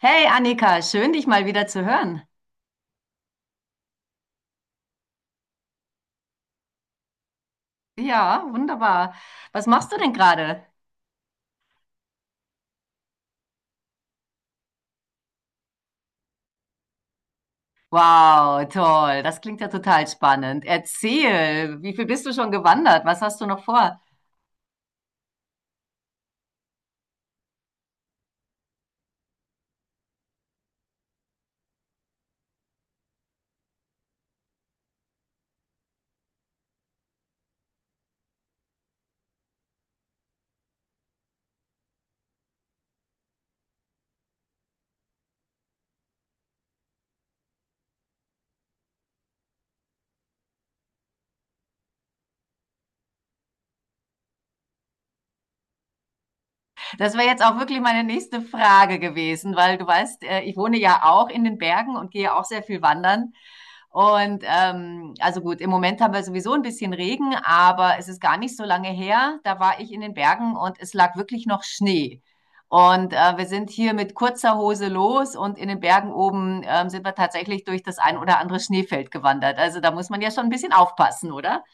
Hey Annika, schön dich mal wieder zu hören. Ja, wunderbar. Was machst du denn gerade? Wow, toll. Das klingt ja total spannend. Erzähl, wie viel bist du schon gewandert? Was hast du noch vor? Das wäre jetzt auch wirklich meine nächste Frage gewesen, weil du weißt, ich wohne ja auch in den Bergen und gehe auch sehr viel wandern. Und also gut, im Moment haben wir sowieso ein bisschen Regen, aber es ist gar nicht so lange her. Da war ich in den Bergen und es lag wirklich noch Schnee. Und wir sind hier mit kurzer Hose los und in den Bergen oben sind wir tatsächlich durch das ein oder andere Schneefeld gewandert. Also da muss man ja schon ein bisschen aufpassen, oder?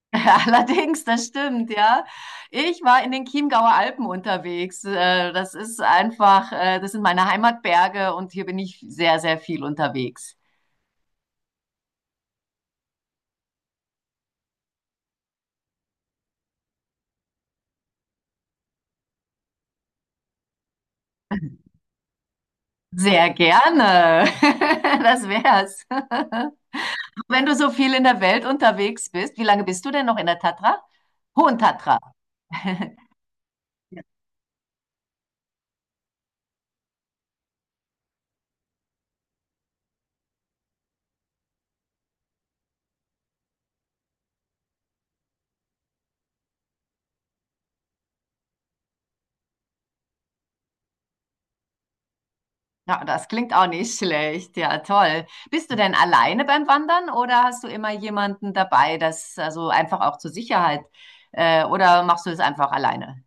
Allerdings, das stimmt, ja. Ich war in den Chiemgauer Alpen unterwegs. Das ist einfach, das sind meine Heimatberge und hier bin ich sehr, sehr viel unterwegs. Sehr gerne. Das wär's. Wenn du so viel in der Welt unterwegs bist, wie lange bist du denn noch in der Tatra? Hohen Tatra. Ja, das klingt auch nicht schlecht. Ja, toll. Bist du denn alleine beim Wandern oder hast du immer jemanden dabei, das also einfach auch zur Sicherheit, oder machst du es einfach alleine?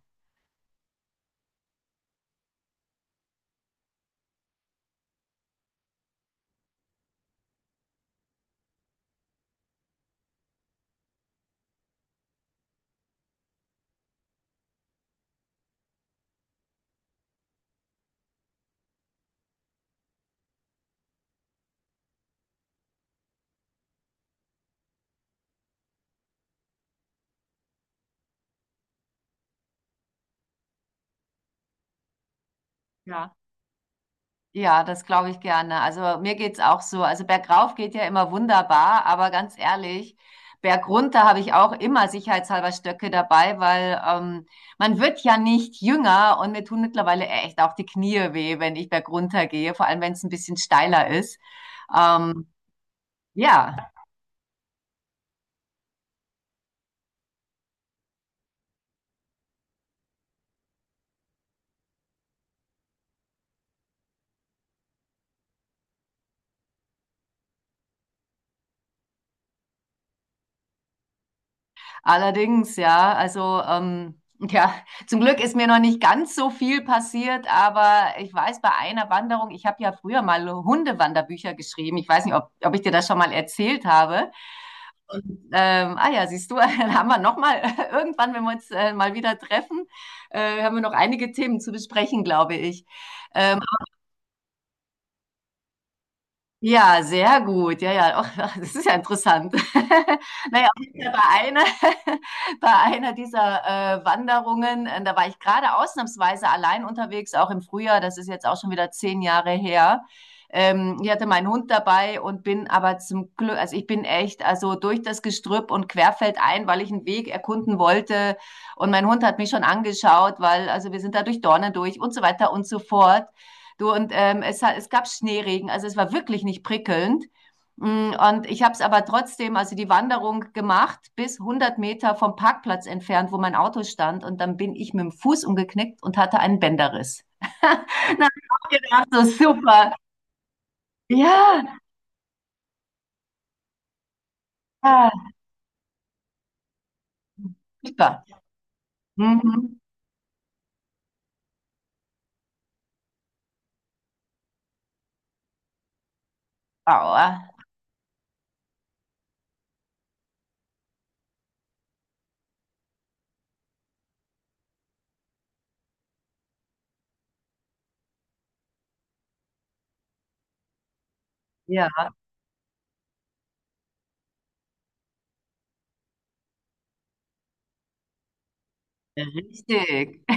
Ja, ja, das glaube ich gerne. Also mir geht's auch so. Also bergauf geht ja immer wunderbar, aber ganz ehrlich, bergunter habe ich auch immer sicherheitshalber Stöcke dabei, weil man wird ja nicht jünger und mir tun mittlerweile echt auch die Knie weh, wenn ich bergunter gehe, vor allem wenn es ein bisschen steiler ist. Ähm, ja. Allerdings, ja, also ja, zum Glück ist mir noch nicht ganz so viel passiert, aber ich weiß bei einer Wanderung, ich habe ja früher mal Hundewanderbücher geschrieben. Ich weiß nicht, ob ich dir das schon mal erzählt habe. Ah ja, siehst du, dann haben wir noch mal irgendwann, wenn wir uns mal wieder treffen, haben wir noch einige Themen zu besprechen, glaube ich. Ähm, Ja sehr gut. Ja, ja, auch, das ist ja interessant. Naja, auf jeden bei einer, bei einer dieser Wanderungen, da war ich gerade ausnahmsweise allein unterwegs, auch im Frühjahr, das ist jetzt auch schon wieder 10 Jahre her. Ich hatte meinen Hund dabei und bin aber zum Glück, also ich bin echt, also durch das Gestrüpp und querfeld ein, weil ich einen Weg erkunden wollte. Und mein Hund hat mich schon angeschaut, weil, also wir sind da durch Dornen durch und so weiter und so fort. Du, und es gab Schneeregen, also es war wirklich nicht prickelnd. Und ich habe es aber trotzdem, also die Wanderung gemacht, bis 100 Meter vom Parkplatz entfernt, wo mein Auto stand. Und dann bin ich mit dem Fuß umgeknickt und hatte einen Bänderriss. Dann habe ich auch gedacht, so super. Ja, ja, super. Mhm. Aua. Ja. Richtig.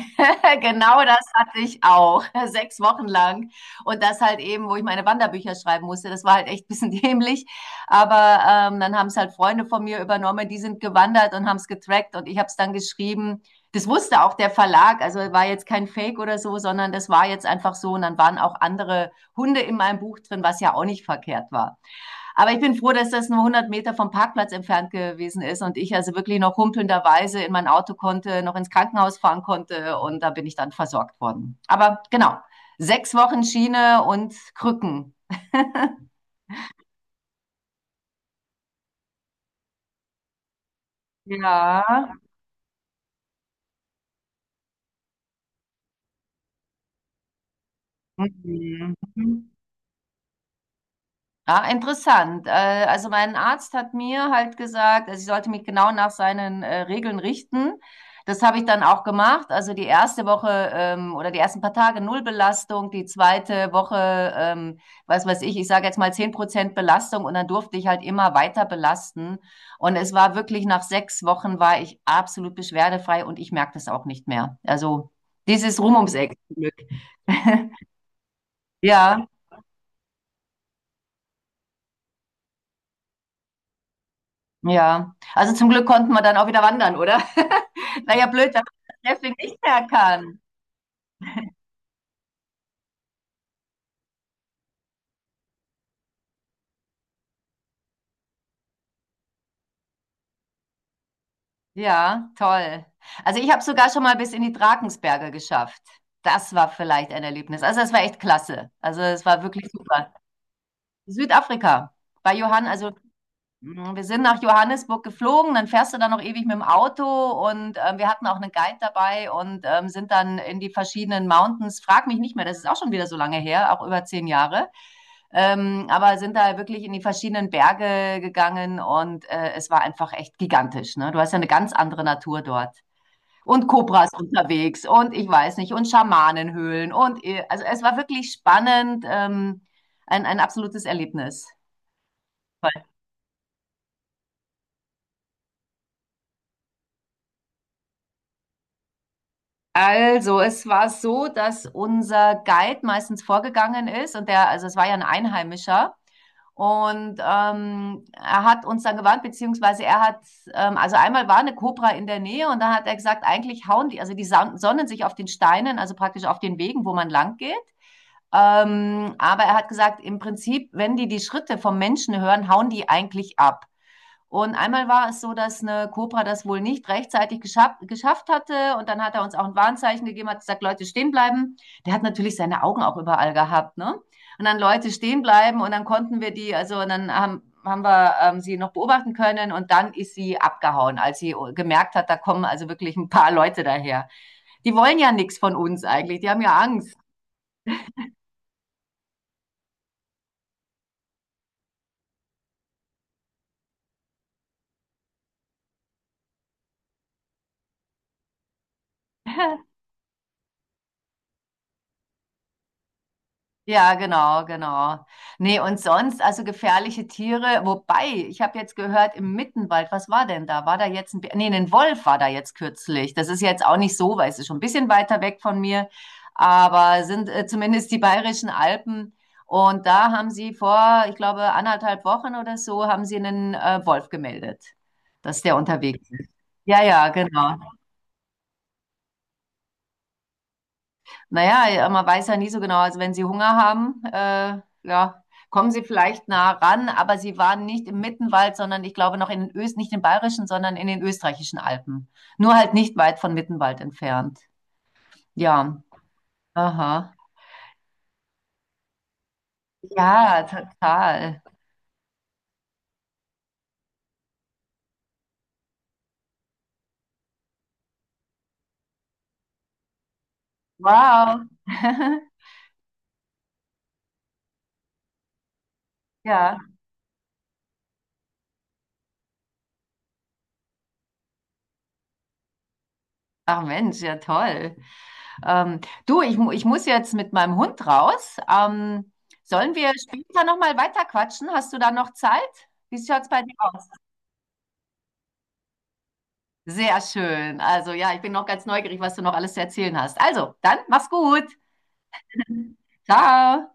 Genau das hatte ich auch. 6 Wochen lang. Und das halt eben, wo ich meine Wanderbücher schreiben musste. Das war halt echt ein bisschen dämlich. Aber dann haben es halt Freunde von mir übernommen, die sind gewandert und haben es getrackt und ich habe es dann geschrieben. Das wusste auch der Verlag, also war jetzt kein Fake oder so, sondern das war jetzt einfach so. Und dann waren auch andere Hunde in meinem Buch drin, was ja auch nicht verkehrt war. Aber ich bin froh, dass das nur 100 Meter vom Parkplatz entfernt gewesen ist und ich also wirklich noch humpelnderweise in mein Auto konnte, noch ins Krankenhaus fahren konnte und da bin ich dann versorgt worden. Aber genau, 6 Wochen Schiene und Krücken. Ja. Mhm. Ah, interessant. Also mein Arzt hat mir halt gesagt, also ich sollte mich genau nach seinen Regeln richten. Das habe ich dann auch gemacht. Also die erste Woche oder die ersten paar Tage null Belastung, die zweite Woche, was weiß ich, ich sage jetzt mal 10% Belastung und dann durfte ich halt immer weiter belasten. Und es war wirklich nach 6 Wochen war ich absolut beschwerdefrei und ich merke das auch nicht mehr. Also dieses Rum ums Eck. Glück. Ja. Ja, also zum Glück konnten wir dann auch wieder wandern, oder? Wäre ja blöd, wenn man das deswegen nicht mehr kann. Ja, toll. Also ich habe sogar schon mal bis in die Drakensberge geschafft. Das war vielleicht ein Erlebnis. Also das war echt klasse. Also es war wirklich super. Südafrika. Bei Johann, also Mhm, wir sind nach Johannesburg geflogen, dann fährst du da noch ewig mit dem Auto und wir hatten auch einen Guide dabei und sind dann in die verschiedenen Mountains. Frag mich nicht mehr, das ist auch schon wieder so lange her, auch über 10 Jahre. Aber sind da wirklich in die verschiedenen Berge gegangen und es war einfach echt gigantisch. Ne? Du hast ja eine ganz andere Natur dort. Und Kobras unterwegs und ich weiß nicht, und Schamanenhöhlen und also es war wirklich spannend, ein absolutes Erlebnis. Also, es war so, dass unser Guide meistens vorgegangen ist und der, also es war ja ein Einheimischer und er hat uns dann gewarnt, beziehungsweise er hat, also einmal war eine Kobra in der Nähe und dann hat er gesagt, eigentlich hauen die, also die sonnen sich auf den Steinen, also praktisch auf den Wegen, wo man lang geht. Aber er hat gesagt, im Prinzip, wenn die die Schritte vom Menschen hören, hauen die eigentlich ab. Und einmal war es so, dass eine Cobra das wohl nicht rechtzeitig geschafft hatte. Und dann hat er uns auch ein Warnzeichen gegeben, hat gesagt, Leute, stehen bleiben. Der hat natürlich seine Augen auch überall gehabt, ne? Und dann Leute stehen bleiben und dann konnten wir die, also und dann haben wir sie noch beobachten können und dann ist sie abgehauen, als sie gemerkt hat, da kommen also wirklich ein paar Leute daher. Die wollen ja nichts von uns eigentlich, die haben ja Angst. Ja, genau, genau. Nee, und sonst, also gefährliche Tiere, wobei, ich habe jetzt gehört, im Mittenwald, was war denn da? War da jetzt ein Bär? Nee, ein Wolf war da jetzt kürzlich. Das ist jetzt auch nicht so, weil es ist schon ein bisschen weiter weg von mir, aber sind zumindest die Bayerischen Alpen. Und da haben sie vor, ich glaube, anderthalb Wochen oder so, haben sie einen Wolf gemeldet, dass der unterwegs ist. Ja, ja, genau. Naja, ja, man weiß ja nie so genau. Also wenn sie Hunger haben, ja, kommen sie vielleicht nah ran, aber sie waren nicht im Mittenwald, sondern ich glaube noch in den Öst, nicht in den Bayerischen, sondern in den österreichischen Alpen. Nur halt nicht weit von Mittenwald entfernt. Ja, aha. Ja, total. Wow. Ja. Ach Mensch, ja toll. Ähm, du, ich muss jetzt mit meinem Hund raus. Sollen wir später nochmal weiter quatschen? Hast du da noch Zeit? Wie schaut's bei dir aus? Sehr schön. Also ja, ich bin noch ganz neugierig, was du noch alles zu erzählen hast. Also, dann mach's gut. Ciao.